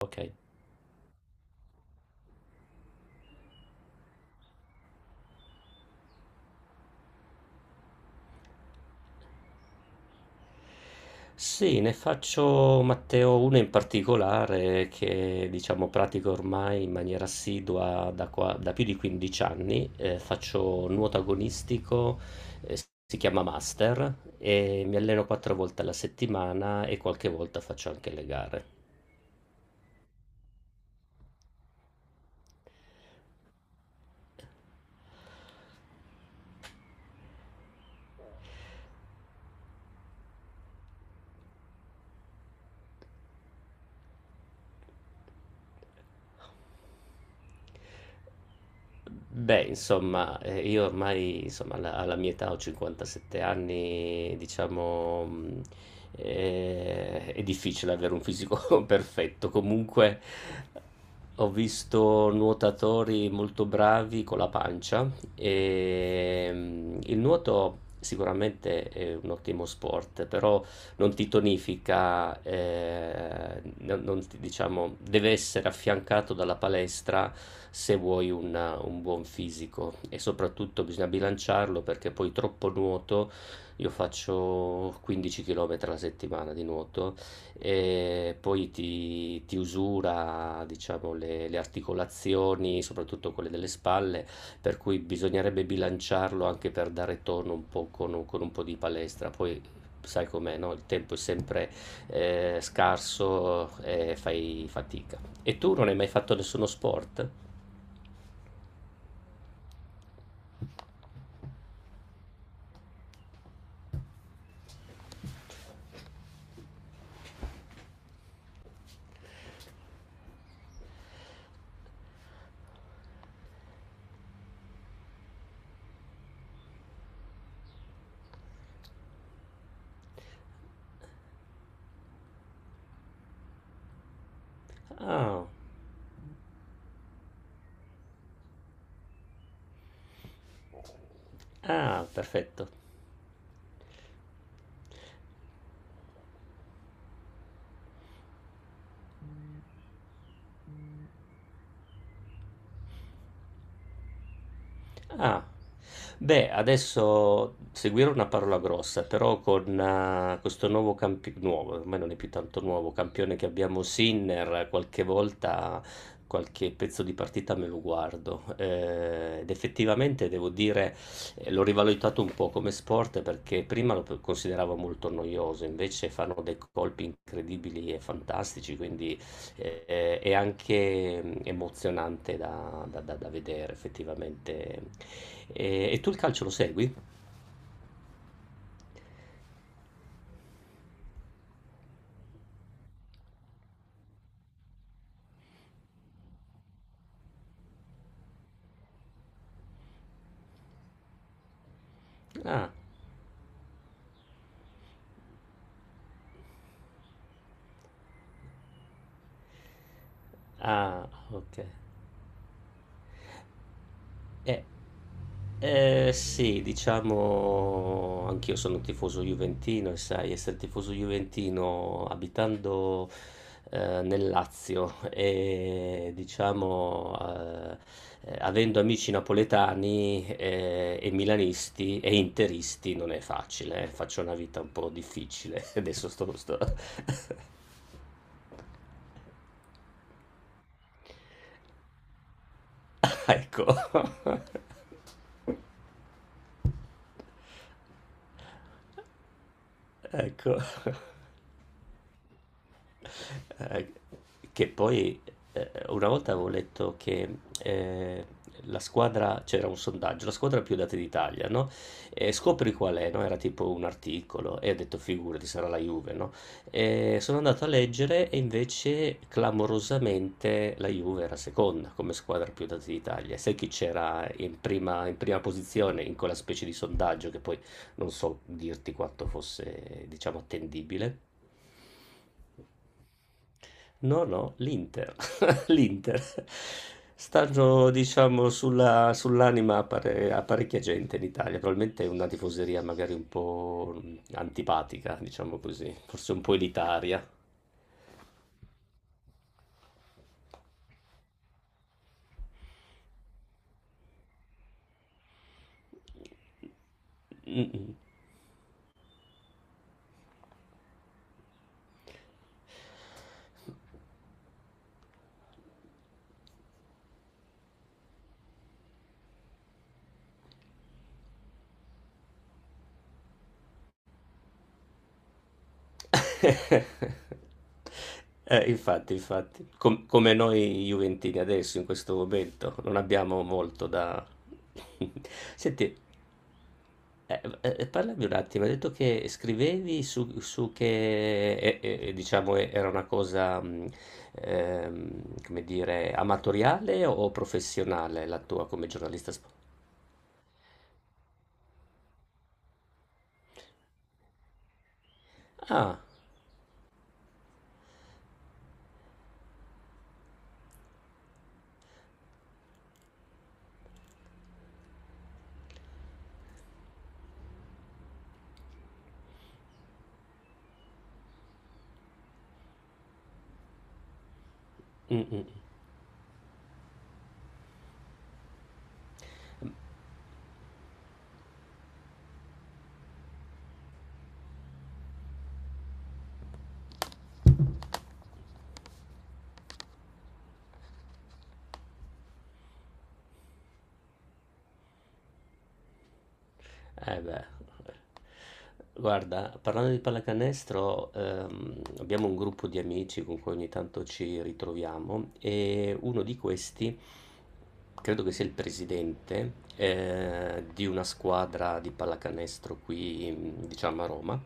Ok. Sì, ne faccio Matteo uno in particolare che diciamo pratico ormai in maniera assidua da più di 15 anni. Faccio nuoto agonistico. Si chiama Master e mi alleno quattro volte alla settimana e qualche volta faccio anche le gare. Beh, insomma, io ormai, insomma, alla mia età ho 57 anni, diciamo, è difficile avere un fisico perfetto. Comunque, ho visto nuotatori molto bravi con la pancia e il nuoto sicuramente è un ottimo sport, però non ti tonifica, non, non ti- diciamo, deve essere affiancato dalla palestra se vuoi un buon fisico e soprattutto bisogna bilanciarlo perché poi troppo nuoto, io faccio 15 km alla settimana di nuoto e poi ti usura, diciamo, le articolazioni, soprattutto quelle delle spalle, per cui bisognerebbe bilanciarlo anche per dare tono un po' con un po' di palestra. Poi sai com'è, no? Il tempo è sempre scarso e fai fatica. E tu non hai mai fatto nessuno sport? Ah, ah, perfetto. Ah, beh, adesso seguire una parola grossa, però con questo nuovo campione, nuovo, ormai non è più tanto nuovo, campione che abbiamo Sinner, qualche volta qualche pezzo di partita me lo guardo. Ed effettivamente devo dire, l'ho rivalutato un po' come sport perché prima lo consideravo molto noioso, invece fanno dei colpi incredibili e fantastici, quindi è anche emozionante da vedere effettivamente e tu il calcio lo segui? Ah, ah, ok. Eh, sì, diciamo, anch'io sono un tifoso juventino e sai, essere tifoso juventino abitando nel Lazio e diciamo, avendo amici napoletani e milanisti e interisti non è facile, faccio una vita un po' difficile. Adesso sto... Ecco. Ecco. Eh, che poi una volta avevo letto che eh, la squadra, c'era un sondaggio, la squadra più data d'Italia, no? E scopri qual è, no? Era tipo un articolo e ho detto figurati, sarà la Juve, no? E sono andato a leggere e invece clamorosamente la Juve era seconda come squadra più data d'Italia. E sai chi c'era in prima posizione in quella specie di sondaggio che poi non so dirti quanto fosse, diciamo, attendibile? No, no, l'Inter. L'Inter. Stanno, diciamo, sull'anima a parecchia gente in Italia. Probabilmente è una tifoseria magari un po' antipatica, diciamo così, forse un po' elitaria. Mm, mm. Infatti, come noi Juventini adesso, in questo momento, non abbiamo molto da... Senti, parlami un attimo, hai detto che scrivevi su che era una cosa, come dire, amatoriale o professionale la tua come giornalista sportivo? Ah, eh beh, guarda, parlando di pallacanestro, abbiamo un gruppo di amici con cui ogni tanto ci ritroviamo e uno di questi, credo che sia il presidente, di una squadra di pallacanestro qui, diciamo a Roma.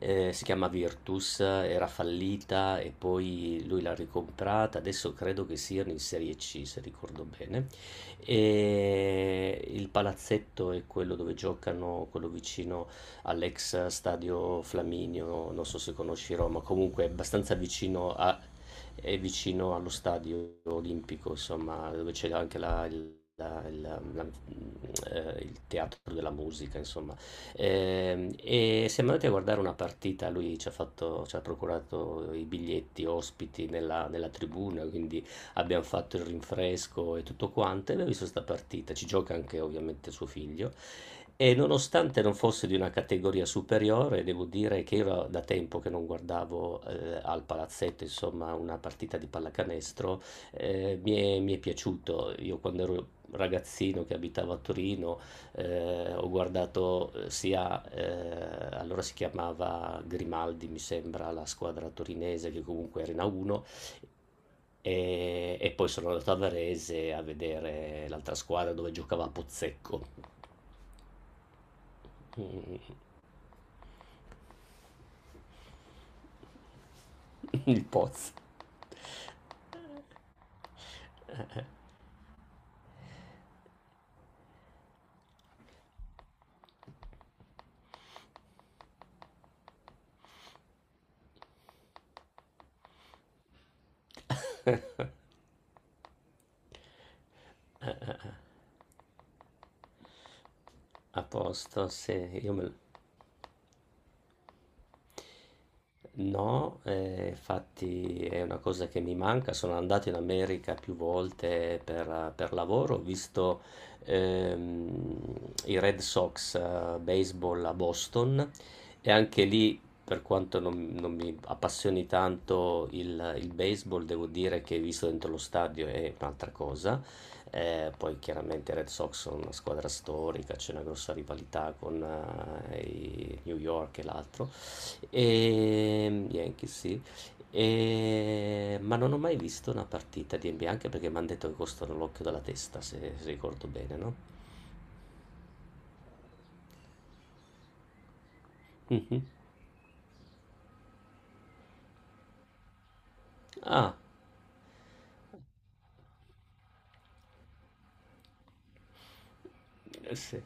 Si chiama Virtus, era fallita e poi lui l'ha ricomprata, adesso credo che siano in serie C se ricordo bene. E il palazzetto è quello dove giocano, quello vicino all'ex stadio Flaminio, non so se conosci Roma, comunque è abbastanza è vicino allo stadio olimpico, insomma, dove c'è anche il teatro della musica, insomma. Siamo andati a guardare una partita, lui ci ha fatto- ci ha procurato i biglietti ospiti nella tribuna, quindi abbiamo fatto il rinfresco e tutto quanto, e abbiamo visto questa partita, ci gioca anche ovviamente suo figlio, e nonostante non fosse di una categoria superiore, devo dire che io era da tempo che non guardavo al palazzetto, insomma, una partita di pallacanestro, mi è piaciuto. Io quando ero ragazzino che abitavo a Torino, ho guardato allora si chiamava Grimaldi, mi sembra, la squadra torinese che comunque era in A1 e poi sono andato a Varese a vedere l'altra squadra dove giocava Pozzecco. Il Poz. A posto, sì, no, infatti è una cosa che mi manca. Sono andato in America più volte per lavoro, ho visto ehm, i Red Sox, baseball a Boston, e anche lì, per quanto non mi appassioni tanto il baseball, devo dire che visto dentro lo stadio è un'altra cosa. Poi chiaramente i Red Sox sono una squadra storica, c'è una grossa rivalità con i New York e l'altro. Yankees, sì. Ma non ho mai visto una partita di NBA, anche perché mi hanno detto che costano l'occhio dalla testa, se ricordo bene, no? Mhm. Ah, eh sì.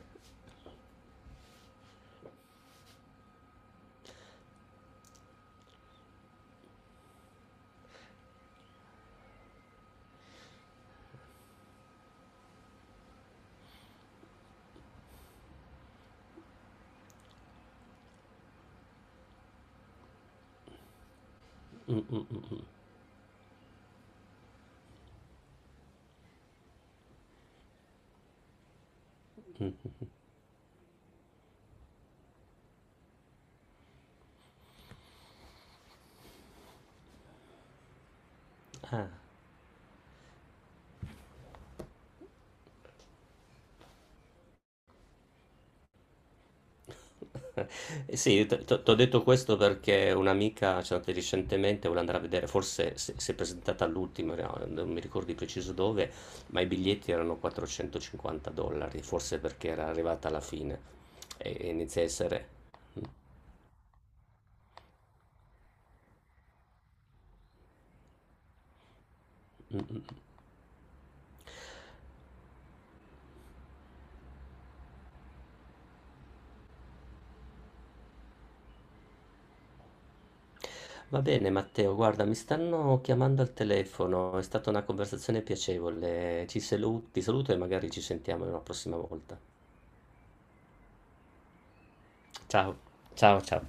Eh sì, ti ho detto questo perché un'amica, cioè, di recentemente voleva andare a vedere, forse se- si è presentata all'ultimo, no, non mi ricordo di preciso dove, ma i biglietti erano 450 dollari, forse perché era arrivata alla fine e inizia a essere... Mm, mm, va bene Matteo, guarda, mi stanno chiamando al telefono, è stata una conversazione piacevole. Ti saluto e magari ci sentiamo una prossima volta. Ciao. Ciao ciao.